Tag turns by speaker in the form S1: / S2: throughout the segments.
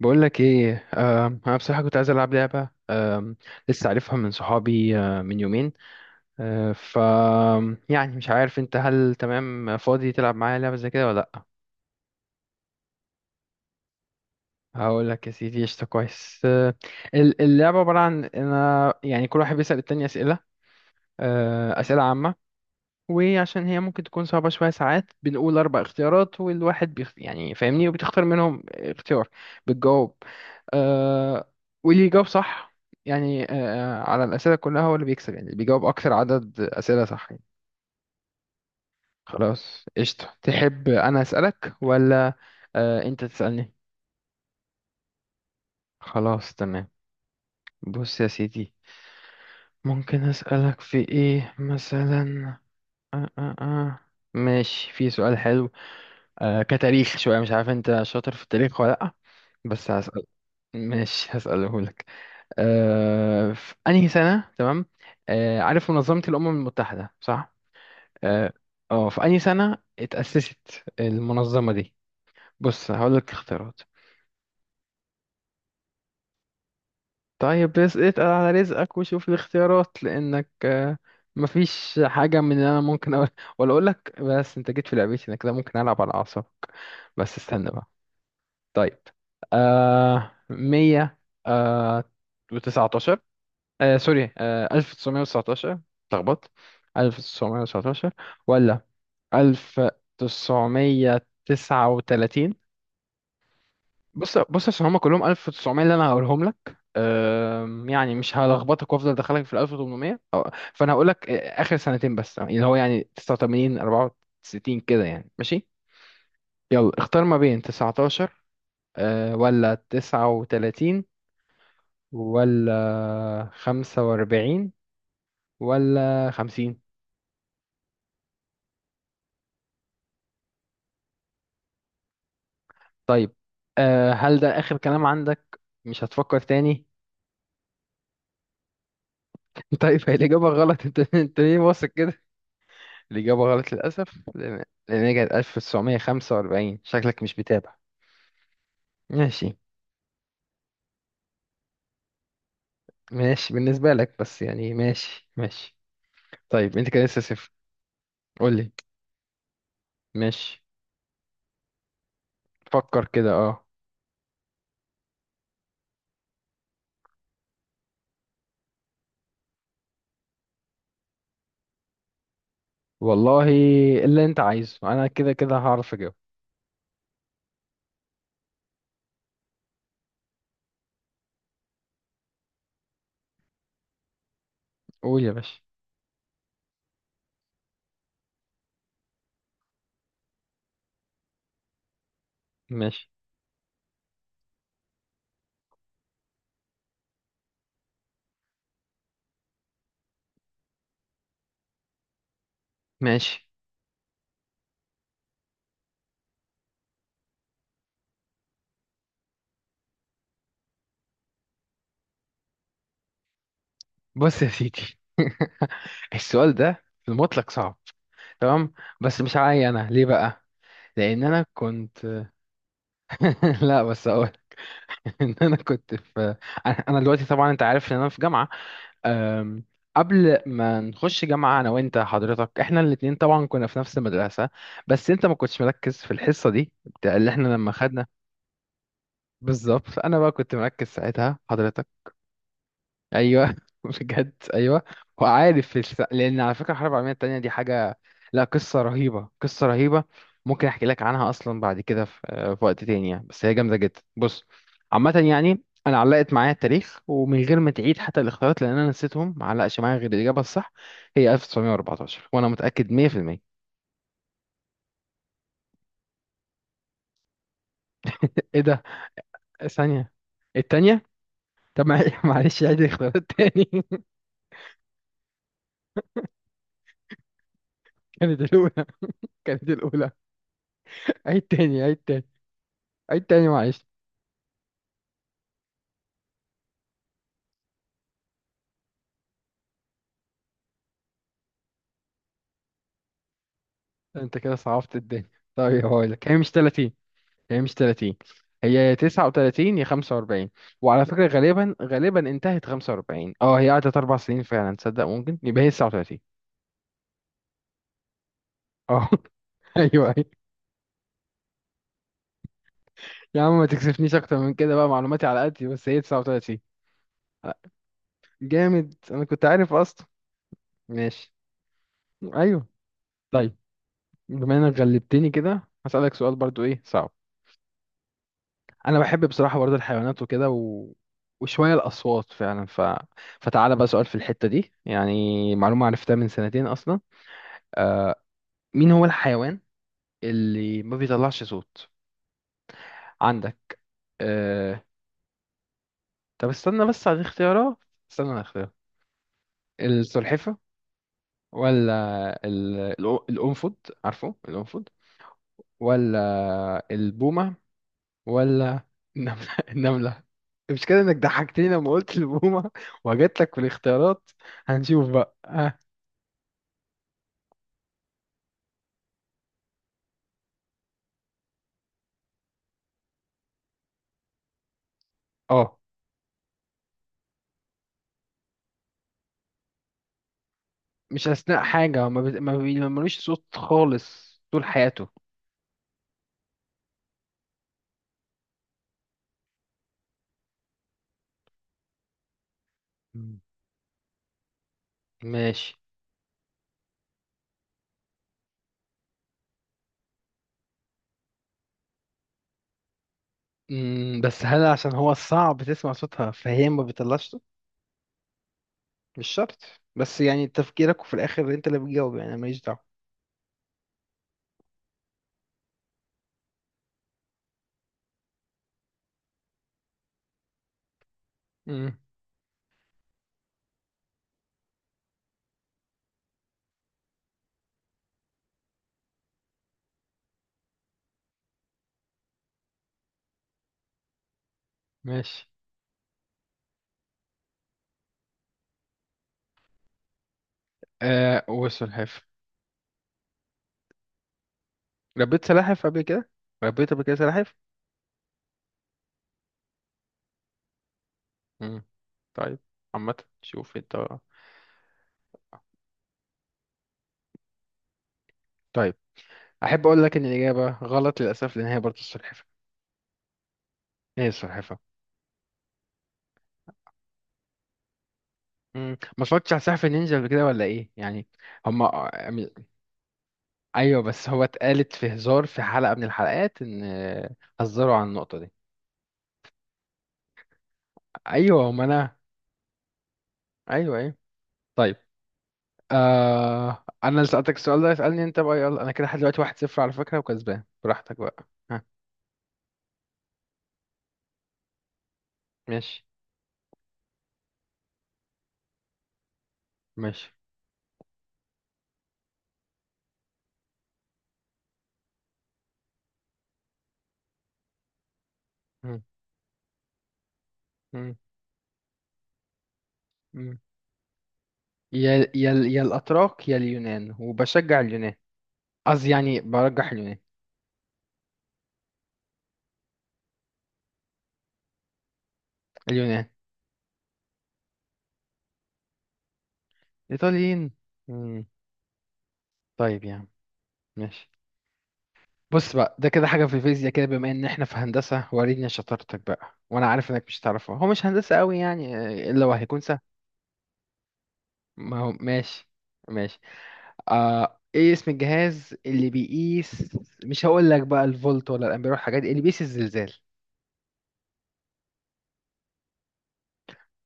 S1: بقول لك ايه، انا بصراحه كنت عايز العب لعبه، لسه عارفها من صحابي، من يومين. آه، ف يعني مش عارف انت هل تمام فاضي تلعب معايا لعبه زي كده ولا لا؟ هقول لك يا سيدي قشطه، كويس. اللعبه عباره عن انا يعني كل واحد بيسال التاني اسئله، اسئله عامه. وعشان هي ممكن تكون صعبة شوية ساعات بنقول أربع اختيارات والواحد يعني فاهمني، وبتختار منهم اختيار، بتجاوب. آه... واللي يجاوب صح يعني على الأسئلة كلها هو اللي بيكسب، يعني اللي بيجاوب أكثر عدد أسئلة صح يعني. خلاص قشطة، تحب أنا أسألك ولا أنت تسألني؟ خلاص تمام. بص يا سيدي، ممكن أسألك في إيه مثلا؟ آه آه آه. ماشي، في سؤال حلو. كتاريخ شوية، مش عارف انت شاطر في التاريخ ولا لأ، بس هسأل. ماشي، هسأله لك. في أنهي سنة، تمام؟ عارف منظمة الأمم المتحدة صح؟ اه. في أنهي سنة اتأسست المنظمة دي؟ بص هقول لك اختيارات. طيب بس اتقل على رزقك وشوف الاختيارات، لأنك مفيش حاجة من اللي أنا ممكن أقول، ولا أقول لك. بس أنت جيت في لعبتي أنا، كده ممكن ألعب على أعصابك. بس استنى بقى. طيب، مية آه وتسعتاشر، سوري، ألف تسعمية وتسعتاشر. اتلخبطت. ألف تسعمية وتسعتاشر، ولا ألف تسعمية تسعة وتلاتين. بص بص، عشان هما كلهم ألف وتسعمية اللي أنا هقولهم لك، يعني مش هلخبطك وأفضل أدخلك في الألف وتمنمية فأنا هقول لك، آخر سنتين بس، اللي هو يعني تسعة وتمانين أربعة وستين كده يعني، ماشي. يلا اختار ما بين تسعتاشر، ولا تسعة وتلاتين، ولا خمسة وأربعين، ولا خمسين. طيب، أه هل ده آخر كلام عندك؟ مش هتفكر تاني؟ طيب هي الإجابة غلط. أنت ليه واثق كده؟ الإجابة غلط للأسف، لأن هي كانت 1945، شكلك مش بتابع. ماشي، ماشي بالنسبة لك، بس يعني ماشي ماشي. طيب أنت كده لسه صفر. قول لي. ماشي. فكر كده، أه. والله اللي أنت عايزه، أنا كده كده هعرف أجاوب. قول يا باشا. ماشي، ماشي. بص يا سيدي. السؤال ده في المطلق صعب، تمام، بس مش عاي انا ليه بقى، لان انا كنت. لا بس اقول ان انا كنت في، انا. دلوقتي طبعا انت عارف ان انا في جامعه، أم، قبل ما نخش جامعه انا وانت حضرتك احنا الاتنين طبعا كنا في نفس المدرسه. بس انت ما كنتش مركز في الحصه دي اللي احنا لما خدنا. بالظبط، انا بقى كنت مركز ساعتها حضرتك. ايوه بجد ايوه. وعارف لان على فكره الحرب العالميه التانية دي حاجه، لا قصه رهيبه، قصه رهيبه. ممكن احكي لك عنها اصلا بعد كده في، في وقت تاني يعني، بس هي جامده جدا. بص، عامه يعني انا علقت معايا التاريخ، ومن غير ما تعيد حتى الاختيارات، لان انا نسيتهم، ما علقش معايا غير الاجابه الصح. هي 1914، وانا متاكد 100%. ايه ده؟ ثانيه؟ التانية؟ طب معلش عيد الاختيارات تاني. كانت الاولى، كانت الاولى. عيد تاني، عيد تاني، عيد تاني، معلش. انت كده صعبت الدنيا. طيب هقول لك، هي مش 30، هي مش 30. هي يا 39 يا 45. وعلى فكرة غالبا، غالبا انتهت 45، اه هي قعدت اربع سنين فعلا. تصدق ممكن يبقى هي 39. اه ايوه ايوه. يا عم ما تكسفنيش اكتر من كده بقى، معلوماتي على قد. بس هي 39. آه، جامد، انا كنت عارف اصلا. ماشي. ايوه. طيب بما انك غلبتني كده، هسألك سؤال برضو ايه صعب. انا بحب بصراحه برضه الحيوانات وكده، وشويه الاصوات فعلا، فتعالى بقى سؤال في الحته دي، يعني معلومه عرفتها من سنتين اصلا. مين هو الحيوان اللي ما بيطلعش صوت عندك؟ أه... طب استنى بس على الاختيارات، استنى على الاختيارات. السلحفه، ولا الانفود، عارفه الانفود، ولا البومه، ولا النمله. النمله. مش كده انك ضحكتني لما قلت البومه وجات لك في الاختيارات؟ هنشوف بقى. اه مش اثناء حاجه، ما بت... ما بي- ما ملوش صوت خالص طول حياته. مم. ماشي. مم، بس هل عشان هو صعب تسمع صوتها فهي ما بتطلعش صوت؟ مش شرط، بس يعني تفكيرك، وفي الاخر انت اللي بتجاوب، يعني أنا ماليش دعوه. مم، ماشي. وسلحفاه. ربيت سلاحف قبل كده، ربيت قبل كده سلاحف. مم. طيب، عامة شوف انت. طيب احب اقول لك ان الاجابه غلط للاسف، لان هي برضه السلحفاه. ايه السلحفاه. مم. ما اتفرجتش على سقف النينجا قبل كده ولا ايه يعني؟ هما. ايوه، بس هو اتقالت في هزار، في حلقة من الحلقات، ان هزروا عن النقطة دي. ايوه هما انا. ايوه ايوه. طيب، انا اللي سألتك السؤال ده، اسألني انت بقى يلا. انا كده لحد دلوقتي واحد صفر على فكرة، وكسبان براحتك بقى، ها. ماشي، ماشي. مم. مم. مم. يا الاتراك يا اليونان، وبشجع اليونان. قصدي يعني برجح اليونان. اليونان. ايطاليين. مم. طيب يا عم. ماشي. بص بقى، ده كده حاجة في الفيزياء كده، بما ان احنا في هندسة، وريني شطارتك بقى. وانا عارف انك مش هتعرفها، هو مش هندسة قوي يعني، الا وهيكون سهل. ما هو ماشي، ماشي. ايه اسم الجهاز اللي بيقيس، مش هقول لك بقى الفولت ولا الامبير والحاجات دي، اللي بيقيس الزلزال؟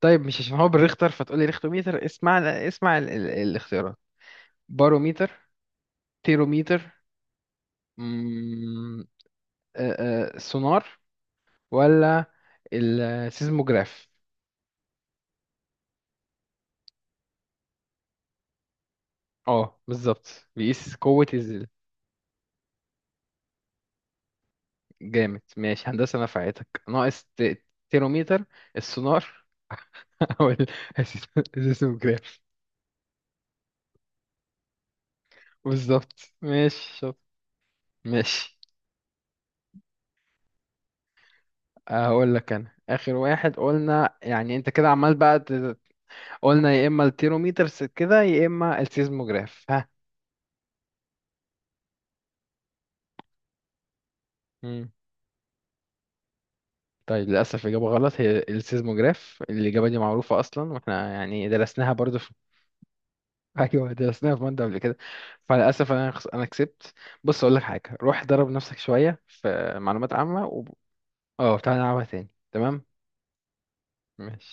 S1: طيب مش عشان هو بالريختر فتقول لي ريختوميتر. اسمع، ال الاختيارات. باروميتر، تيروميتر، مم، آه، سونار، ولا السيزموجراف. اه بالظبط، بيقيس قوة الزلزال. جامد، ماشي، هندسة نفعتك ناقص تيرومتر، السونار، او السيسموجراف. بالظبط، ماشي شاطر. ماشي. هقول لك انا اخر واحد قلنا، يعني انت كده عمال بقى قلنا يا اما التيرومتر كده، يا اما السيزموجراف، ها. مم. طيب للاسف اجابه غلط، هي السيزموجراف. الاجابه دي معروفه اصلا، واحنا يعني درسناها برضو. ايوه درسناها في ماده قبل كده. فللاسف انا انا كسبت. بص اقول لك حاجه، روح درب نفسك شويه في معلومات عامه اه تعالى نلعبها تاني، تمام. ماشي.